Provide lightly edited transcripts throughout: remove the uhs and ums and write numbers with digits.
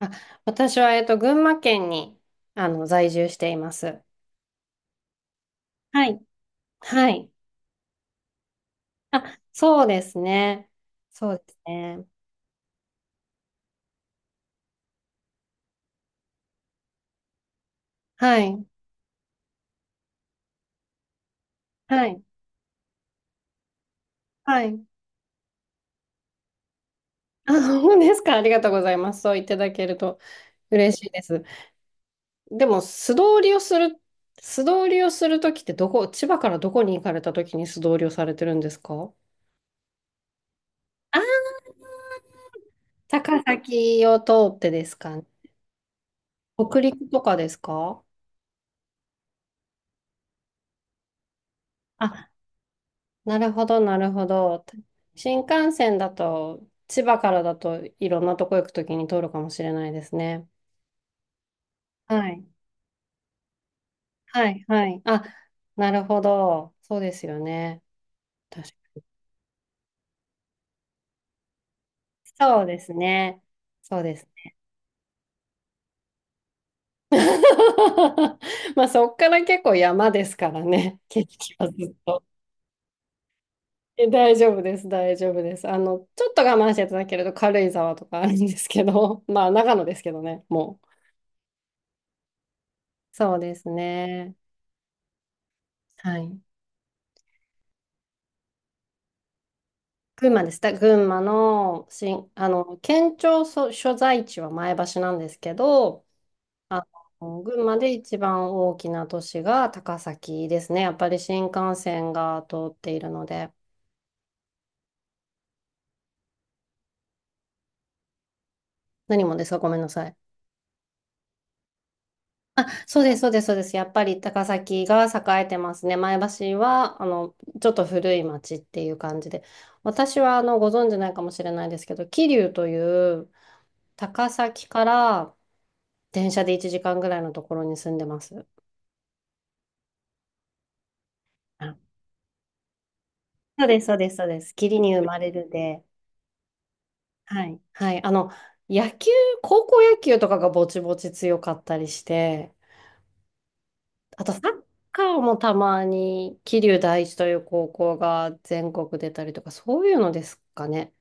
あ、私は、群馬県に、在住しています。はい。はい。あ、そうですね。そうですね。はい。はい。はい。あ、そうですか。ありがとうございます。そう言っていただけると嬉しいです。でも、素通りをするときってどこ、千葉からどこに行かれたときに素通りをされてるんですか？あ、高崎を通ってですかね。北陸とかですか？あ、なるほど、なるほど。新幹線だと、千葉からだといろんなとこ行くときに通るかもしれないですね。はい。はい、はい。あ、なるほど。そうですよね。確かに。そうですね。そうです。まあ、そっから結構山ですからね。景色はずっと。え、大丈夫です、大丈夫です。ちょっと我慢していただけると軽井沢とかあるんですけど、まあ、長野ですけどね、もう。そうですね。はい。群馬です。だ群馬の、しん、県庁所、所在地は前橋なんですけど、あ群馬で一番大きな都市が高崎ですね。やっぱり新幹線が通っているので。何もですか？ごめんなさい。あ、そうです、そうです、そうです。やっぱり高崎が栄えてますね。前橋は、ちょっと古い町っていう感じで。私は、ご存知ないかもしれないですけど、桐生という高崎から電車で1時間ぐらいのところに住んでます。あ、そうです、そうです、そうです。霧に生まれるで。はい。はい。あの、野球、高校野球とかがぼちぼち強かったりして、あとサッカーもたまに桐生第一という高校が全国出たりとか、そういうのですかね。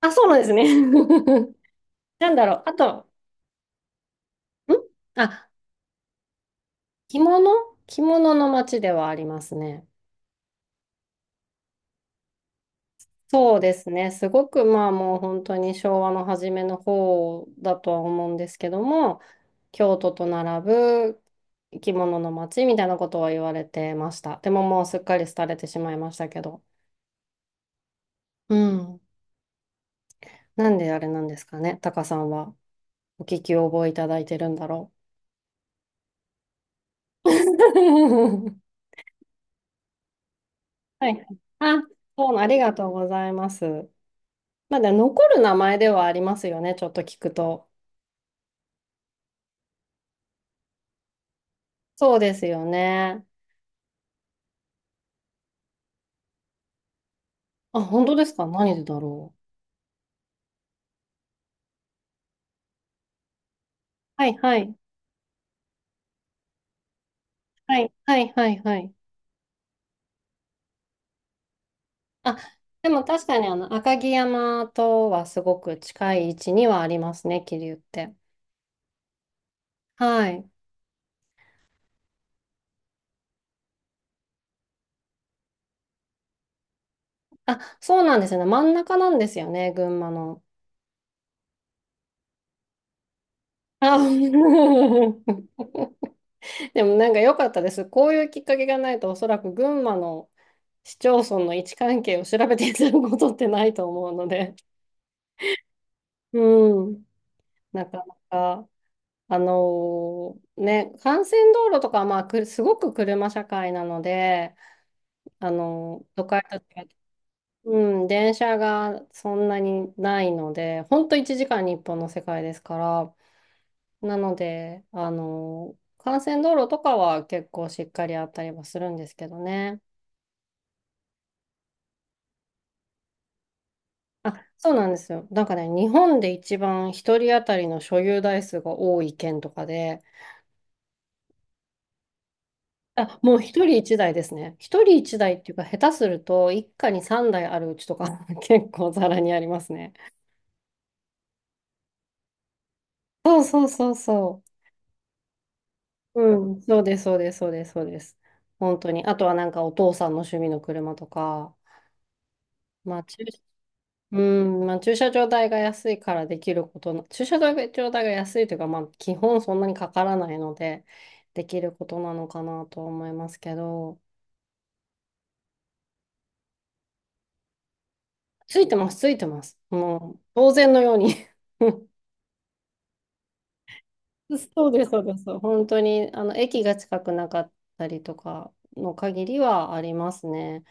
あ、そうなんですね。なんだろう。あと、ん、あ、着物、着物の街ではありますね。そうですね。すごくまあもう本当に昭和の初めの方だとは思うんですけども、京都と並ぶ生き物の街みたいなことは言われてました。でももうすっかり廃れてしまいましたけど。うん。なんであれなんですかね。タカさんはお聞き覚えいただいてるんだろう。はい。あ、そうな、ありがとうございます。まだ残る名前ではありますよね。ちょっと聞くと。そうですよね。あ、本当ですか？何でだろう。はいはい。はいはいはいはい。あ、でも確かにあの赤城山とはすごく近い位置にはありますね、桐生って。はい。あ、そうなんですよね。真ん中なんですよね、群馬の。あ、でもなんか良かったです。こういうきっかけがないと、おそらく群馬の市町村の位置関係を調べていただくことってないと思うので。うん。なかなか。あのーね、幹線道路とかはまあくすごく車社会なので、あのー都会と違って、うん、電車がそんなにないので、ほんと1時間に本の世界ですから、なので、あのー幹線道路とかは結構しっかりあったりはするんですけどね。あ、そうなんですよ。なんかね、日本で一番一人当たりの所有台数が多い県とかで、あ、もう一人一台ですね。一人一台っていうか、下手すると、一家に三台あるうちとか 結構ざらにありますね。そうそうそうそう。うん、そうです、そうです、そうです、そうです。本当に。あとはなんかお父さんの趣味の車とか、まあ、駐、うん、まあ、駐車場代が安いからできることな、駐車場代が安いというか、まあ、基本そんなにかからないので、できることなのかなと思いますけど、ついてます、ついてます。もう、当然のように。 そうです、そうです。本当に、駅が近くなかったりとかの限りはありますね。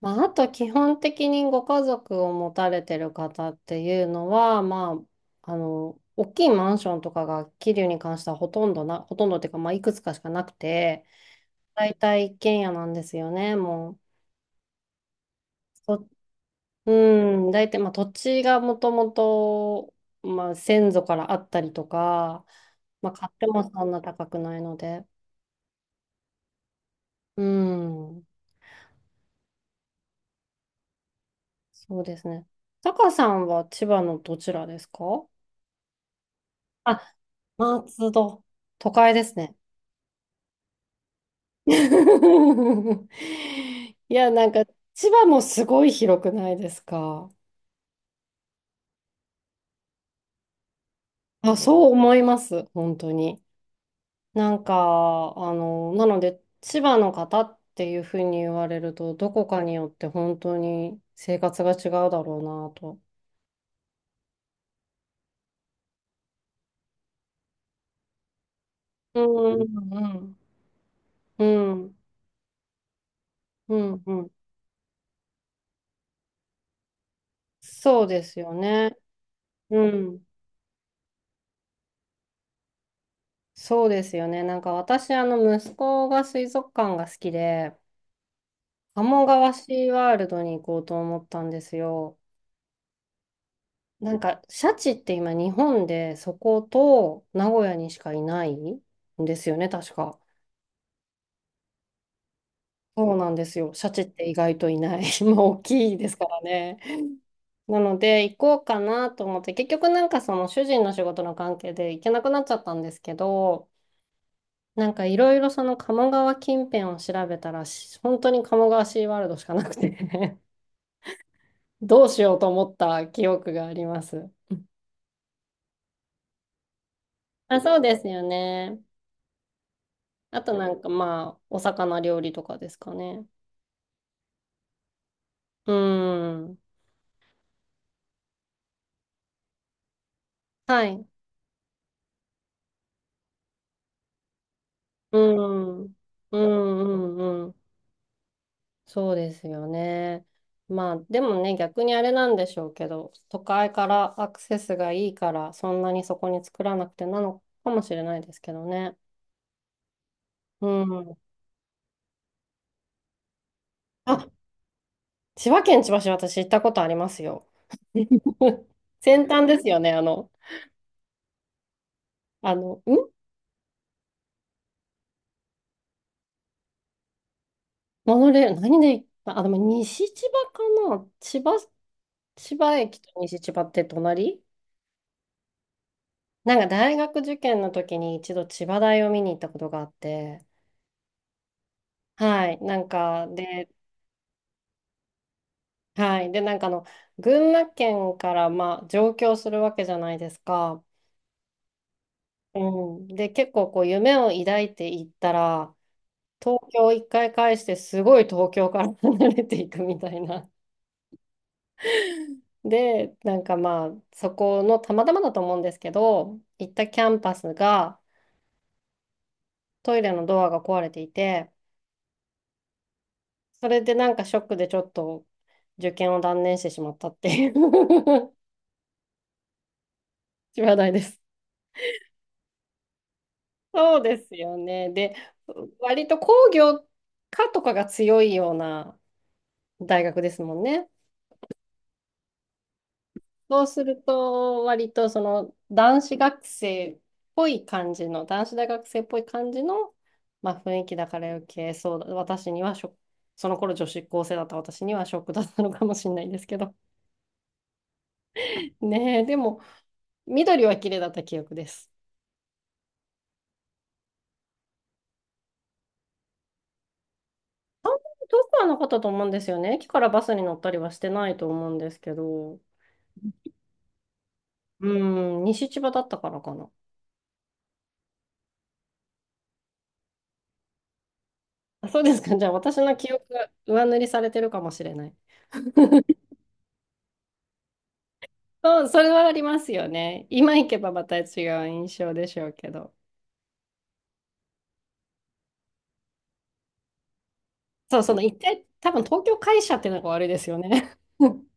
まあ、あと、基本的にご家族を持たれてる方っていうのは、まあ、大きいマンションとかが、桐生に関してはほとんどな、ほとんどっていうか、まあ、いくつかしかなくて、大体一軒家なんですよね、もう。そう、ん、大体、まあ、土地がもともと、まあ、先祖からあったりとか、まあ、買ってもそんな高くないので。うん。そうですね。タカさんは千葉のどちらですか？あ、松戸。都会ですね。いや、なんか、千葉もすごい広くないですか？あ、そう思います。本当に。なんか、なので、千葉の方っていうふうに言われると、どこかによって本当に生活が違うだろうなと。うんうんうん。うんうんうん。そうですよね。うん。そうですよね。なんか私、息子が水族館が好きで、鴨川シーワールドに行こうと思ったんですよ。なんか、シャチって今、日本でそこと名古屋にしかいないんですよね、確か。そうなんですよ。シャチって意外といない。まあ、大きいですからね。なので、行こうかなと思って、結局なんかその主人の仕事の関係で行けなくなっちゃったんですけど、なんかいろいろその鴨川近辺を調べたら、し本当に鴨川シーワールドしかなくて。 どうしようと思った記憶があります。あ、そうですよね。あとなんかまあ、お魚料理とかですかね。うん。はい。うん。うんうんうん。そうですよね。まあ、でもね、逆にあれなんでしょうけど、都会からアクセスがいいから、そんなにそこに作らなくてなのかもしれないですけどね。うん。あ、千葉県千葉市、私行ったことありますよ。先端ですよね、んモノレール、何で行った？あ、でも西千葉かな千葉、千葉駅と西千葉って隣。なんか大学受験の時に一度千葉大を見に行ったことがあって、はい、なんか、で、はい、で、なんかあの、群馬県から、まあ、上京するわけじゃないですか。うん。で、結構こう、夢を抱いて行ったら、東京一回返してすごい東京から 離れていくみたいな。で、なんかまあそこのたまたまだと思うんですけど、行ったキャンパスがトイレのドアが壊れていて、それでなんかショックでちょっと受験を断念してしまったっていう 話題です。そうですよね。で、割と工業科とかが強いような大学ですもんね。そうすると、割とその男子学生っぽい感じの、男子大学生っぽい感じの、まあ、雰囲気だから余計そうだ、私にはショック、その頃女子高生だった私にはショックだったのかもしれないですけど。ねえ、でも、緑は綺麗だった記憶です。あんまり遠くはなかったと思うんですよね。駅からバスに乗ったりはしてないと思うんですけど、うん、西千葉だったからかな。あ、そうですか。じゃあ私の記憶が上塗りされてるかもしれない。そう、それはありますよね。今行けばまた違う印象でしょうけど。そう、その一回、多分東京会社っていうのが悪いですよね。